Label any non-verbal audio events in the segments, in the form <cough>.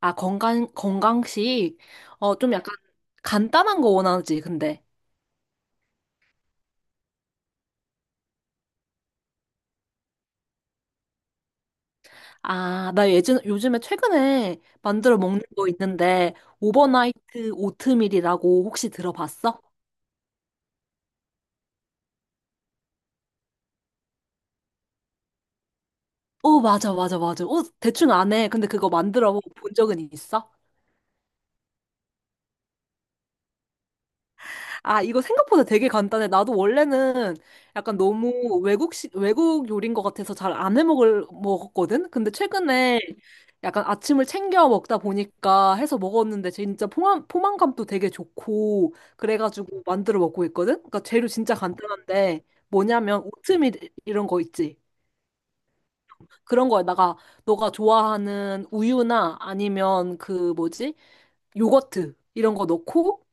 아, 건강식. 좀 약간 간단한 거 원하지, 근데. 아, 나 요즘에 최근에 만들어 먹는 거 있는데, 오버나이트 오트밀이라고 혹시 들어봤어? 맞아, 맞아, 맞아. 대충 안 해. 근데 그거 만들어 본 적은 있어? 아, 이거 생각보다 되게 간단해. 나도 원래는 약간 너무 외국 요리인 것 같아서 잘 안 먹었거든? 근데 최근에 약간 아침을 챙겨 먹다 보니까 해서 먹었는데 진짜 포만감도 되게 좋고, 그래가지고 만들어 먹고 있거든? 그러니까 재료 진짜 간단한데, 뭐냐면 오트밀 이런 거 있지? 그런 거에다가 너가 좋아하는 우유나 아니면 그 뭐지? 요거트 이런 거 넣고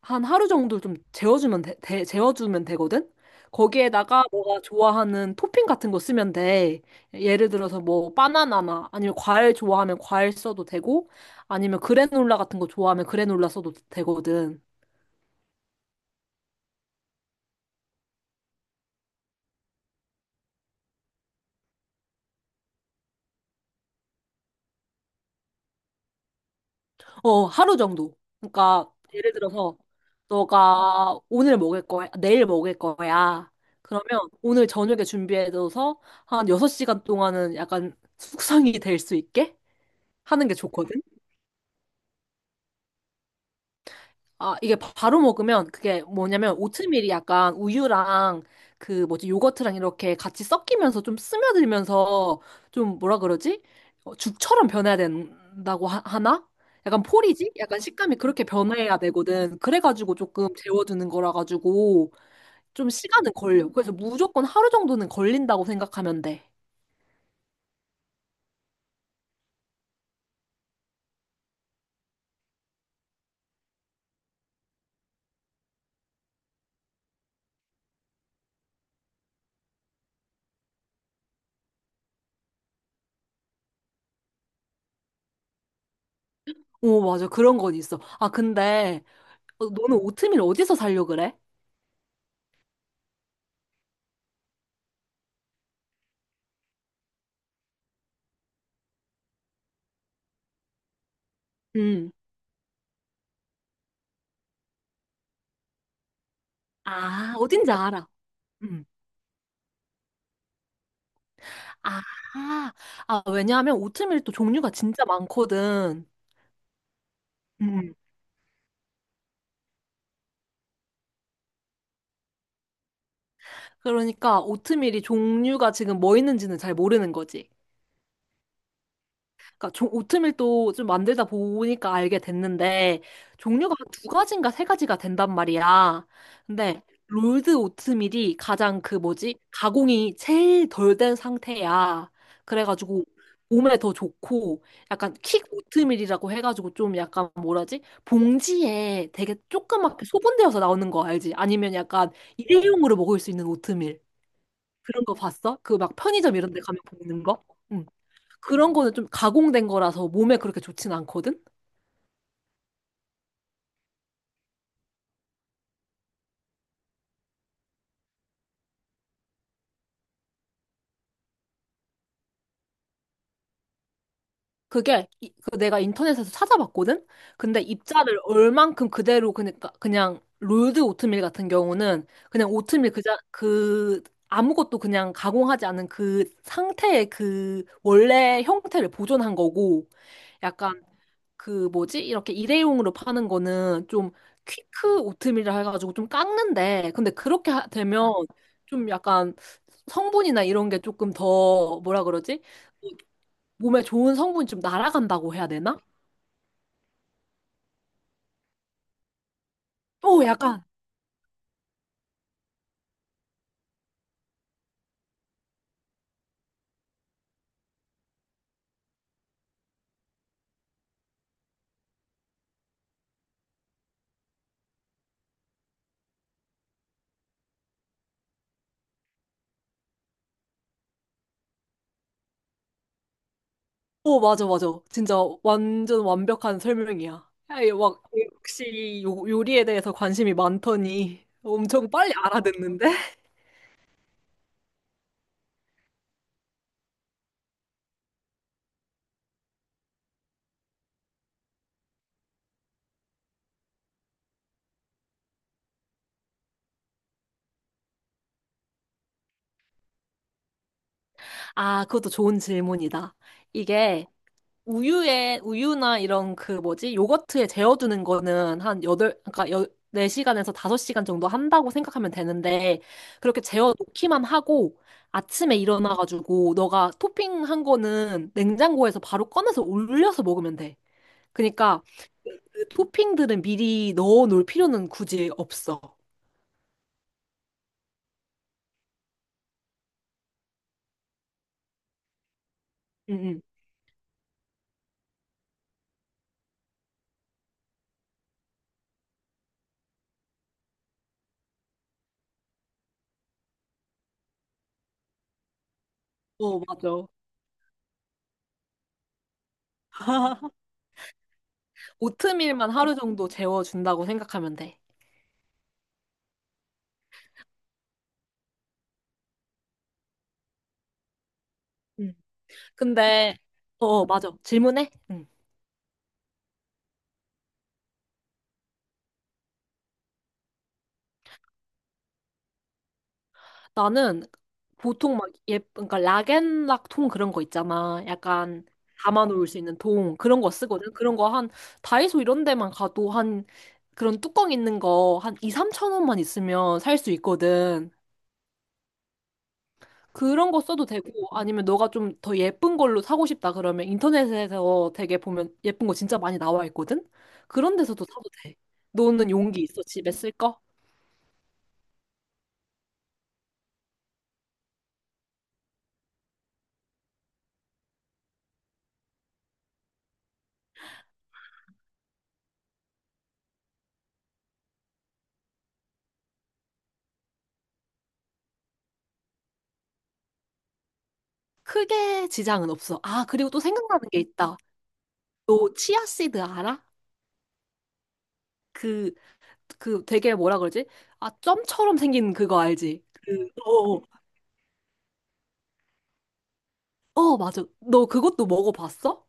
한 하루 정도 좀 재워주면 돼, 재워주면 되거든? 거기에다가 너가 좋아하는 토핑 같은 거 쓰면 돼. 예를 들어서 뭐 바나나나 아니면 과일 좋아하면 과일 써도 되고 아니면 그래놀라 같은 거 좋아하면 그래놀라 써도 되거든. 하루 정도. 그러니까 예를 들어서 너가 오늘 먹을 거야, 내일 먹을 거야. 그러면 오늘 저녁에 준비해둬서 한 6시간 동안은 약간 숙성이 될 수 있게 하는 게 좋거든. 아, 이게 바로 먹으면 그게 뭐냐면 오트밀이 약간 우유랑 그 뭐지 요거트랑 이렇게 같이 섞이면서 좀 스며들면서 좀 뭐라 그러지? 죽처럼 변해야 된다고 나 약간 포리지? 약간 식감이 그렇게 변해야 되거든. 그래가지고 조금 재워두는 거라 가지고 좀 시간은 걸려. 그래서 무조건 하루 정도는 걸린다고 생각하면 돼. 오, 맞아. 그런 건 있어. 아, 근데 너는 오트밀 어디서 살려 그래? 음. 아, 어딘지 알아. 음. 아, 아, 왜냐하면 오트밀도 종류가 진짜 많거든. 음. 그러니까 오트밀이 종류가 지금 뭐 있는지는 잘 모르는 거지. 그러니까 오트밀도 좀 만들다 보니까 알게 됐는데 종류가 한두 가지인가 세 가지가 된단 말이야. 근데 롤드 오트밀이 가장 그 뭐지? 가공이 제일 덜 된 상태야. 그래가지고 몸에 더 좋고 약간 킥 오트밀이라고 해가지고 좀 약간 뭐라지? 봉지에 되게 조그맣게 소분되어서 나오는 거 알지? 아니면 약간 일회용으로 먹을 수 있는 오트밀 그런 거 봤어? 그 막 편의점 이런 데 가면 보이는 거? 응. 그런 거는 좀 가공된 거라서 몸에 그렇게 좋진 않거든? 그게 그 내가 인터넷에서 찾아봤거든? 근데 입자를 얼만큼 그대로 그니까 그냥 롤드 오트밀 같은 경우는 그냥 오트밀 그자 그 아무것도 그냥 가공하지 않은 그 상태의 그 원래 형태를 보존한 거고 약간 그 뭐지? 이렇게 일회용으로 파는 거는 좀 퀵크 오트밀이라 해가지고 좀 깎는데 근데 그렇게 되면 좀 약간 성분이나 이런 게 조금 더 뭐라 그러지? 어, 몸에 좋은 성분이 좀 날아간다고 해야 되나? 오, 약간. 오, 맞아, 맞아. 진짜 완전 완벽한 설명이야. 아이, 막 역시 요리에 대해서 관심이 많더니 엄청 빨리 알아듣는데? 아, 그것도 좋은 질문이다. 이게 우유에 우유나 이런 그 뭐지? 요거트에 재워두는 거는 한 4시간에서 5시간 정도 한다고 생각하면 되는데 그렇게 재워 놓기만 하고 아침에 일어나 가지고 너가 토핑한 거는 냉장고에서 바로 꺼내서 올려서 먹으면 돼. 그러니까 그 토핑들은 미리 넣어 놓을 필요는 굳이 없어. 응, 응. 맞아. <laughs> 오트밀만 하루 정도 재워준다고 생각하면 돼. 응. 근데, 맞아. 질문해? 응. 나는 보통 막 예, 그러니까 락앤락 통 그런 거 있잖아. 약간 담아놓을 수 있는 통 그런 거 쓰거든. 그런 거 한 다이소 이런 데만 가도 한 그런 뚜껑 있는 거 한 2, 3천 원만 있으면 살 수 있거든. 그런 거 써도 되고 아니면 너가 좀 더 예쁜 걸로 사고 싶다 그러면 인터넷에서 되게 보면 예쁜 거 진짜 많이 나와 있거든. 그런 데서도 사도 돼. 너는 용기 있어? 집에 쓸 거? 크게 지장은 없어. 아, 그리고 또 생각나는 게 있다. 너 치아씨드 알아? 그, 그 되게 뭐라 그러지? 아, 점처럼 생긴 그거 알지? 그, 맞아. 너 그것도 먹어봤어?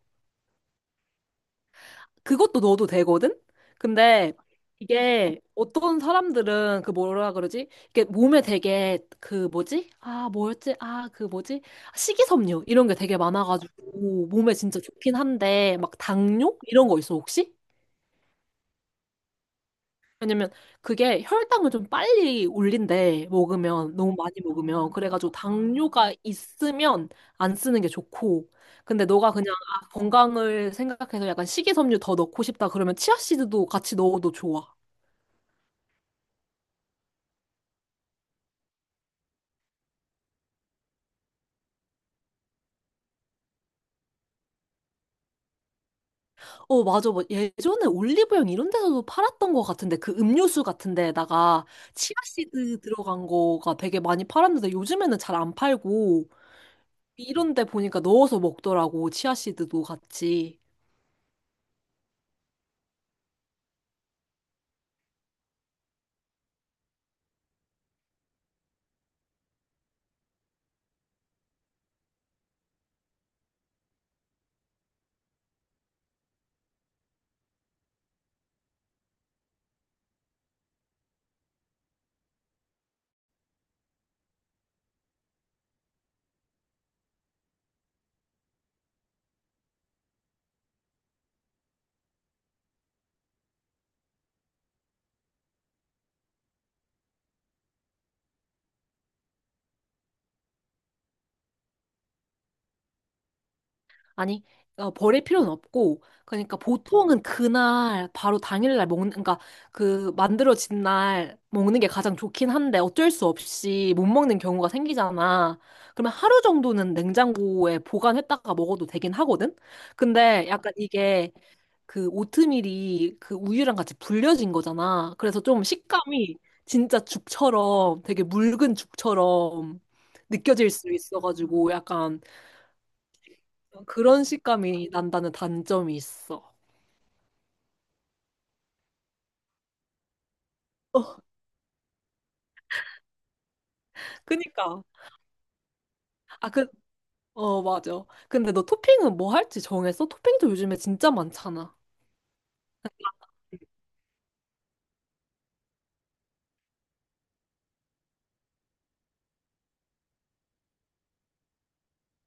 그것도 넣어도 되거든? 근데 이게 어떤 사람들은 그 뭐라 그러지? 이게 몸에 되게 그 뭐지? 아, 뭐였지? 아, 그 뭐지? 식이섬유 이런 게 되게 많아가지고 몸에 진짜 좋긴 한데 막 당뇨? 이런 거 있어, 혹시? 왜냐면 그게 혈당을 좀 빨리 올린대, 먹으면. 너무 많이 먹으면. 그래가지고 당뇨가 있으면 안 쓰는 게 좋고. 근데 너가 그냥 아, 건강을 생각해서 약간 식이섬유 더 넣고 싶다 그러면 치아씨드도 같이 넣어도 좋아. 맞아. 뭐 예전에 올리브영 이런 데서도 팔았던 것 같은데 그 음료수 같은 데에다가 치아씨드 들어간 거가 되게 많이 팔았는데 요즘에는 잘 안 팔고 이런 데 보니까 넣어서 먹더라고. 치아씨드도 같이. 아니, 버릴 필요는 없고, 그러니까 보통은 그날, 바로 당일날 먹는, 그러니까 그 만들어진 날 먹는 게 가장 좋긴 한데 어쩔 수 없이 못 먹는 경우가 생기잖아. 그러면 하루 정도는 냉장고에 보관했다가 먹어도 되긴 하거든? 근데 약간 이게 그 오트밀이 그 우유랑 같이 불려진 거잖아. 그래서 좀 식감이 진짜 죽처럼 되게 묽은 죽처럼 느껴질 수 있어가지고 약간 그런 식감이 난다는 단점이 있어. 어, 그니까. 아, 그, 맞아. 근데 너 토핑은 뭐 할지 정했어? 토핑도 요즘에 진짜 많잖아.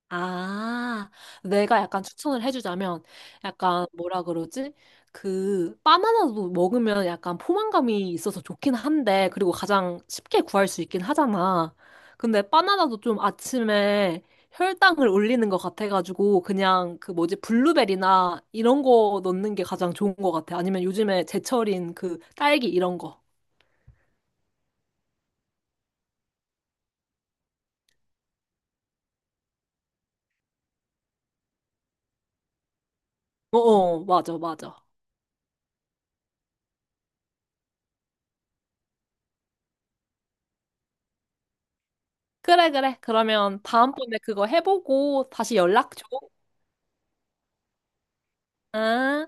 아, 내가 약간 추천을 해주자면, 약간 뭐라 그러지? 그, 바나나도 먹으면 약간 포만감이 있어서 좋긴 한데, 그리고 가장 쉽게 구할 수 있긴 하잖아. 근데 바나나도 좀 아침에 혈당을 올리는 것 같아가지고, 그냥 그 뭐지, 블루베리나 이런 거 넣는 게 가장 좋은 것 같아. 아니면 요즘에 제철인 그 딸기 이런 거. 맞아, 맞아. 그래, 그래. 그러면 다음번에 그거 해보고 다시 연락 줘. 응?